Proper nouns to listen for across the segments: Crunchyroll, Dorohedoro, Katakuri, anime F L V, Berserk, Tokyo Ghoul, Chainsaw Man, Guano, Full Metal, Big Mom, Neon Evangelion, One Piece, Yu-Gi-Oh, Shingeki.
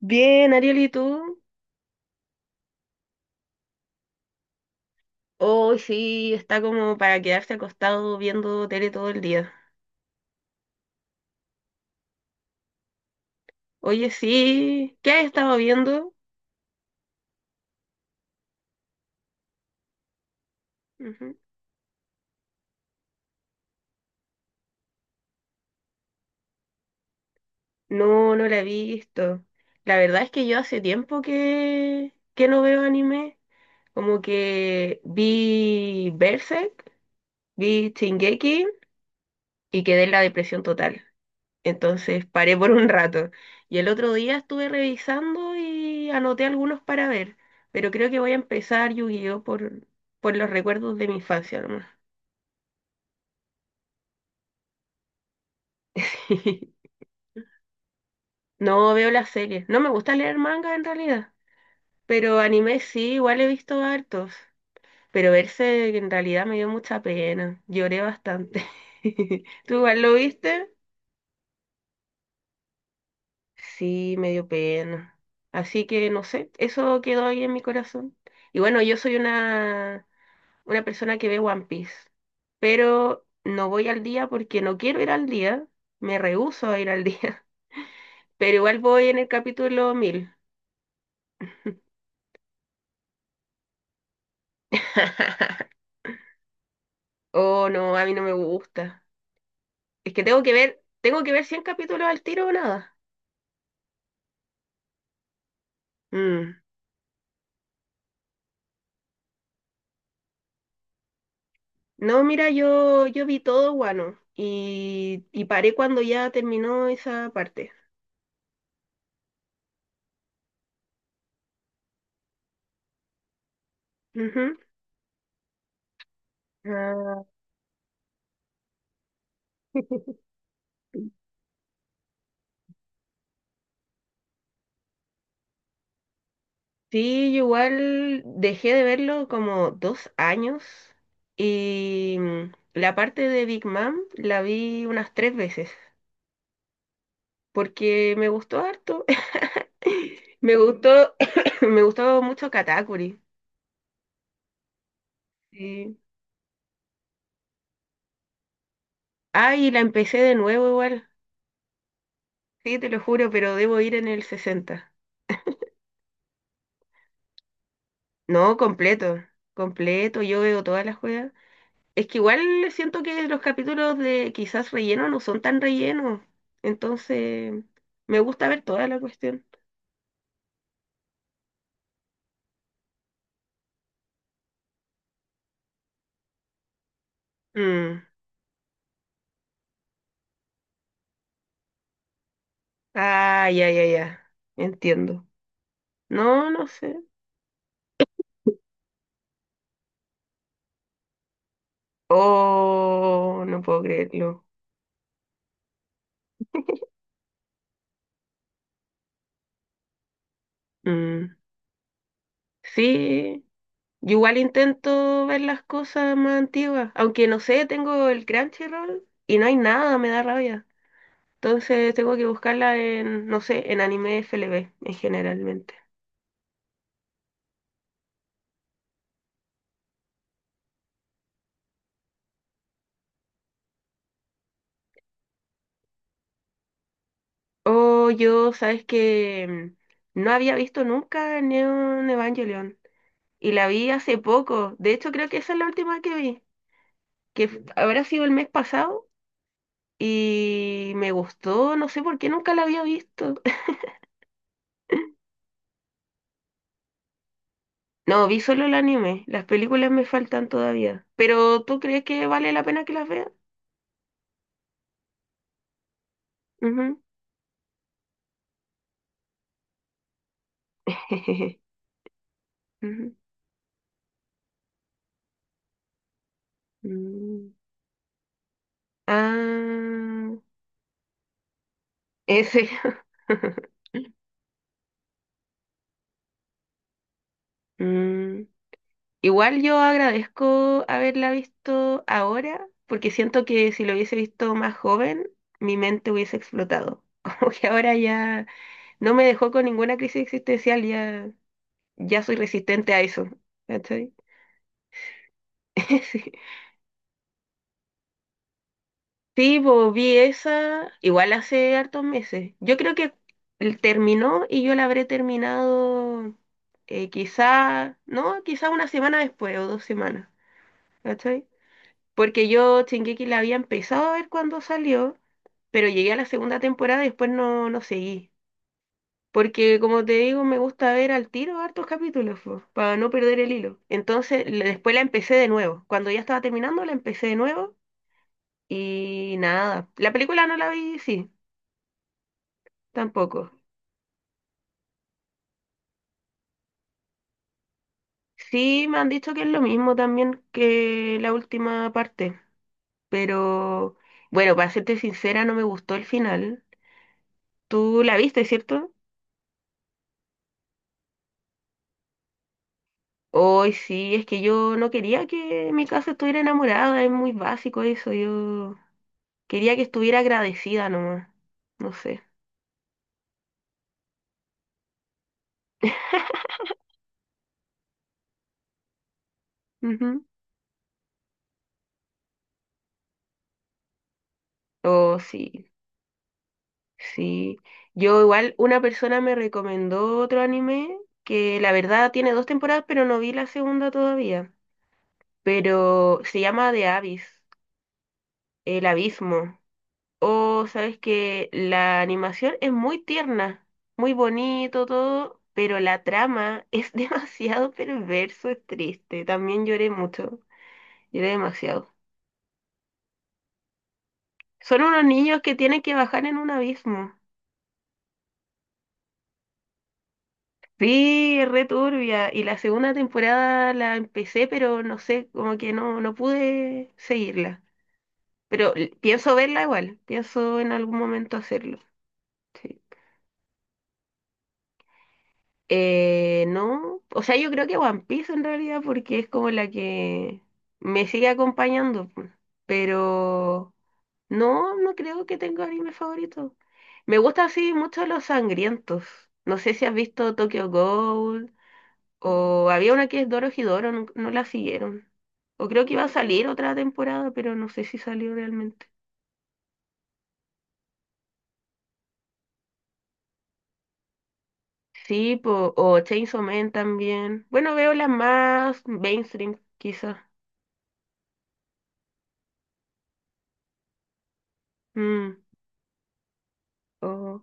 Bien, Ariel, ¿y tú? Hoy sí, está como para quedarse acostado viendo tele todo el día. Oye, sí, ¿qué has estado viendo? Ujú. No, no la he visto. La verdad es que yo hace tiempo que no veo anime. Como que vi Berserk, vi Shingeki y quedé en la depresión total. Entonces paré por un rato. Y el otro día estuve revisando y anoté algunos para ver. Pero creo que voy a empezar Yu-Gi-Oh por los recuerdos de mi infancia nomás. No veo las series. No me gusta leer manga en realidad. Pero anime sí, igual he visto hartos. Pero verse en realidad me dio mucha pena. Lloré bastante. ¿Tú igual lo viste? Sí, me dio pena. Así que no sé, eso quedó ahí en mi corazón. Y bueno, yo soy una persona que ve One Piece, pero no voy al día porque no quiero ir al día, me rehúso a ir al día, pero igual voy en el capítulo mil. Oh, no, a mí no me gusta. Es que tengo que ver 100 capítulos al tiro o nada. Mm. No, mira, yo vi todo Guano y paré cuando ya terminó esa parte. Ujú. Ah, sí, yo igual dejé de verlo como dos años y la parte de Big Mom la vi unas tres veces porque me gustó harto. Me gustó, me gustó mucho Katakuri. Sí. Ah, y la empecé de nuevo igual. Sí, te lo juro, pero debo ir en el 60. No, completo, completo, yo veo todas las juegas. Es que igual siento que los capítulos de quizás relleno no son tan rellenos. Entonces, me gusta ver toda la cuestión. Mm. Ah, ya, ya, ya. Entiendo. No, no sé. Oh, no puedo creerlo. Mm. Sí, yo igual intento ver las cosas más antiguas. Aunque no sé, tengo el Crunchyroll y no hay nada, me da rabia. Entonces tengo que buscarla en, no sé, en anime F L V en generalmente. Oh, yo, sabes que no había visto nunca Neon Evangelion y la vi hace poco. De hecho, creo que esa es la última que vi, que habrá sido el mes pasado y me gustó, no sé por qué nunca la había visto. No, vi solo el anime, las películas me faltan todavía. Pero ¿tú crees que vale la pena que las vea? Ujú. Ujú. Mm. Ah, ese. Mm. Igual yo agradezco haberla visto ahora, porque siento que si lo hubiese visto más joven, mi mente hubiese explotado. Como que ahora ya no me dejó con ninguna crisis existencial, ya, ya soy resistente a eso. ¿Cachai? Sí, sí, pues, vi esa igual hace hartos meses. Yo creo que terminó y yo la habré terminado quizá, no, quizá una semana después o dos semanas. ¿Cachai? Porque yo Shingeki la había empezado a ver cuando salió, pero llegué a la segunda temporada y después no, no seguí. Porque como te digo, me gusta ver al tiro hartos capítulos, po, para no perder el hilo. Entonces, después la empecé de nuevo. Cuando ya estaba terminando, la empecé de nuevo y nada. La película no la vi, sí, tampoco. Sí, me han dicho que es lo mismo también que la última parte, pero bueno, para serte sincera, no me gustó el final. ¿Tú la viste, cierto? Hoy sí, es que yo no quería que mi casa estuviera enamorada, es muy básico eso, yo quería que estuviera agradecida nomás, no sé. Ujú. Oh, sí, sí. Yo igual, una persona me recomendó otro anime que la verdad tiene dos temporadas, pero no vi la segunda todavía, pero se llama The Abyss, El Abismo. O sabes que la animación es muy tierna, muy bonito todo, pero la trama es demasiado perverso, es triste. También lloré mucho, lloré demasiado. Son unos niños que tienen que bajar en un abismo. Sí, es re turbia. Y la segunda temporada la empecé, pero no sé, como que no, no pude seguirla. Pero pienso verla igual, pienso en algún momento hacerlo. Sí. No, O sea, yo creo que One Piece en realidad porque es como la que me sigue acompañando, pu. Pero no, no creo que tenga anime favorito. Me gustan así mucho los sangrientos. No sé si has visto Tokyo Ghoul o había una que es Dorohedoro, no, no la siguieron. O creo que iba a salir otra temporada, pero no sé si salió realmente. Sí, po, o Chainsaw Man también. Bueno, veo las más mainstream, quizás. Mm. o-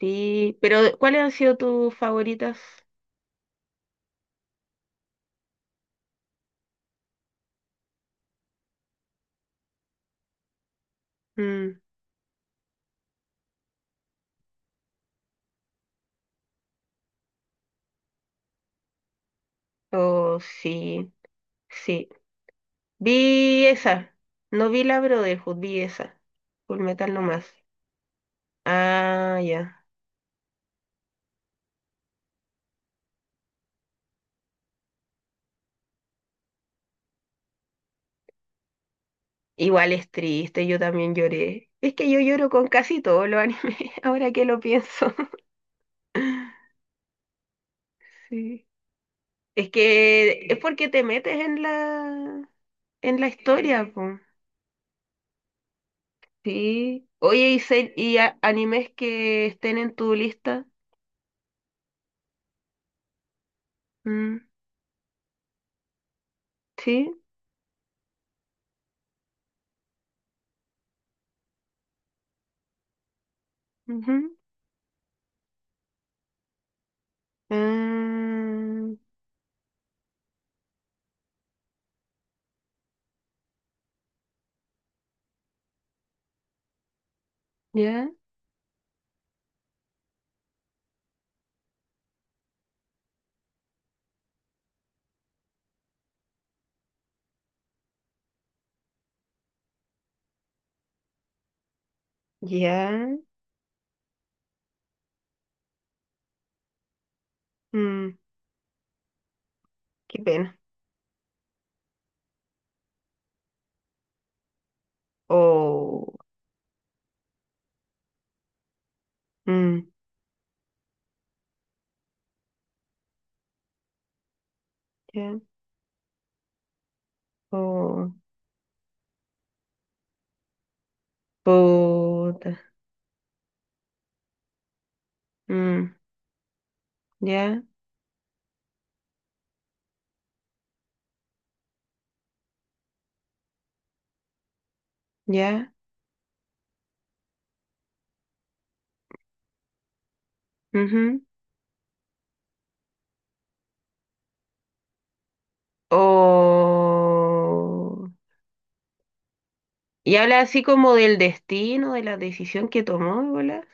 Sí, pero ¿cuáles han sido tus favoritas? Mm, oh, sí, sí. Vi esa. No vi la Brotherhood, vi esa. Full Metal nomás. Ah, ya. Igual es triste, yo también lloré. Es que yo lloro con casi todos los animes, ahora que lo pienso. Sí. Es que es porque te metes en la historia, po. Sí. Oye, y, animes que estén en tu lista. Mm, sí. Ujú. Ah, ya, ya. Mm, qué pena. Oh, mm, ya. Oh, puta. Mm, ya, ya. Ujú. Oh. Y habla así como del destino, de la decisión que tomó, de bolas.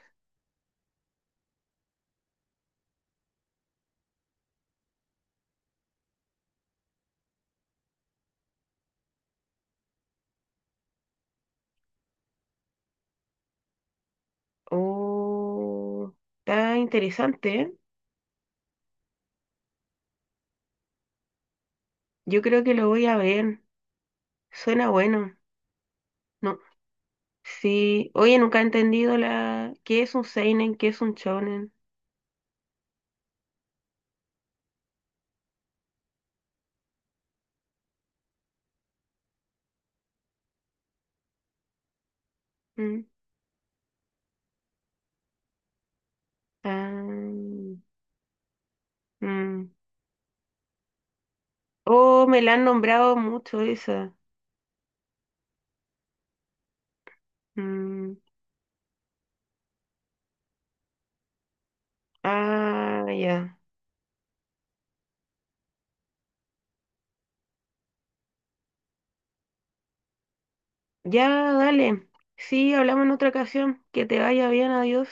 Oh, está interesante, ¿eh? Yo creo que lo voy a ver. Suena bueno. No, sí, oye, nunca he entendido la qué es un seinen, qué es un shonen. Mm, ah, mm. Oh, me la han nombrado mucho esa. Mm, ah, ya. Ya, dale. Sí, hablamos en otra ocasión. Que te vaya bien, adiós.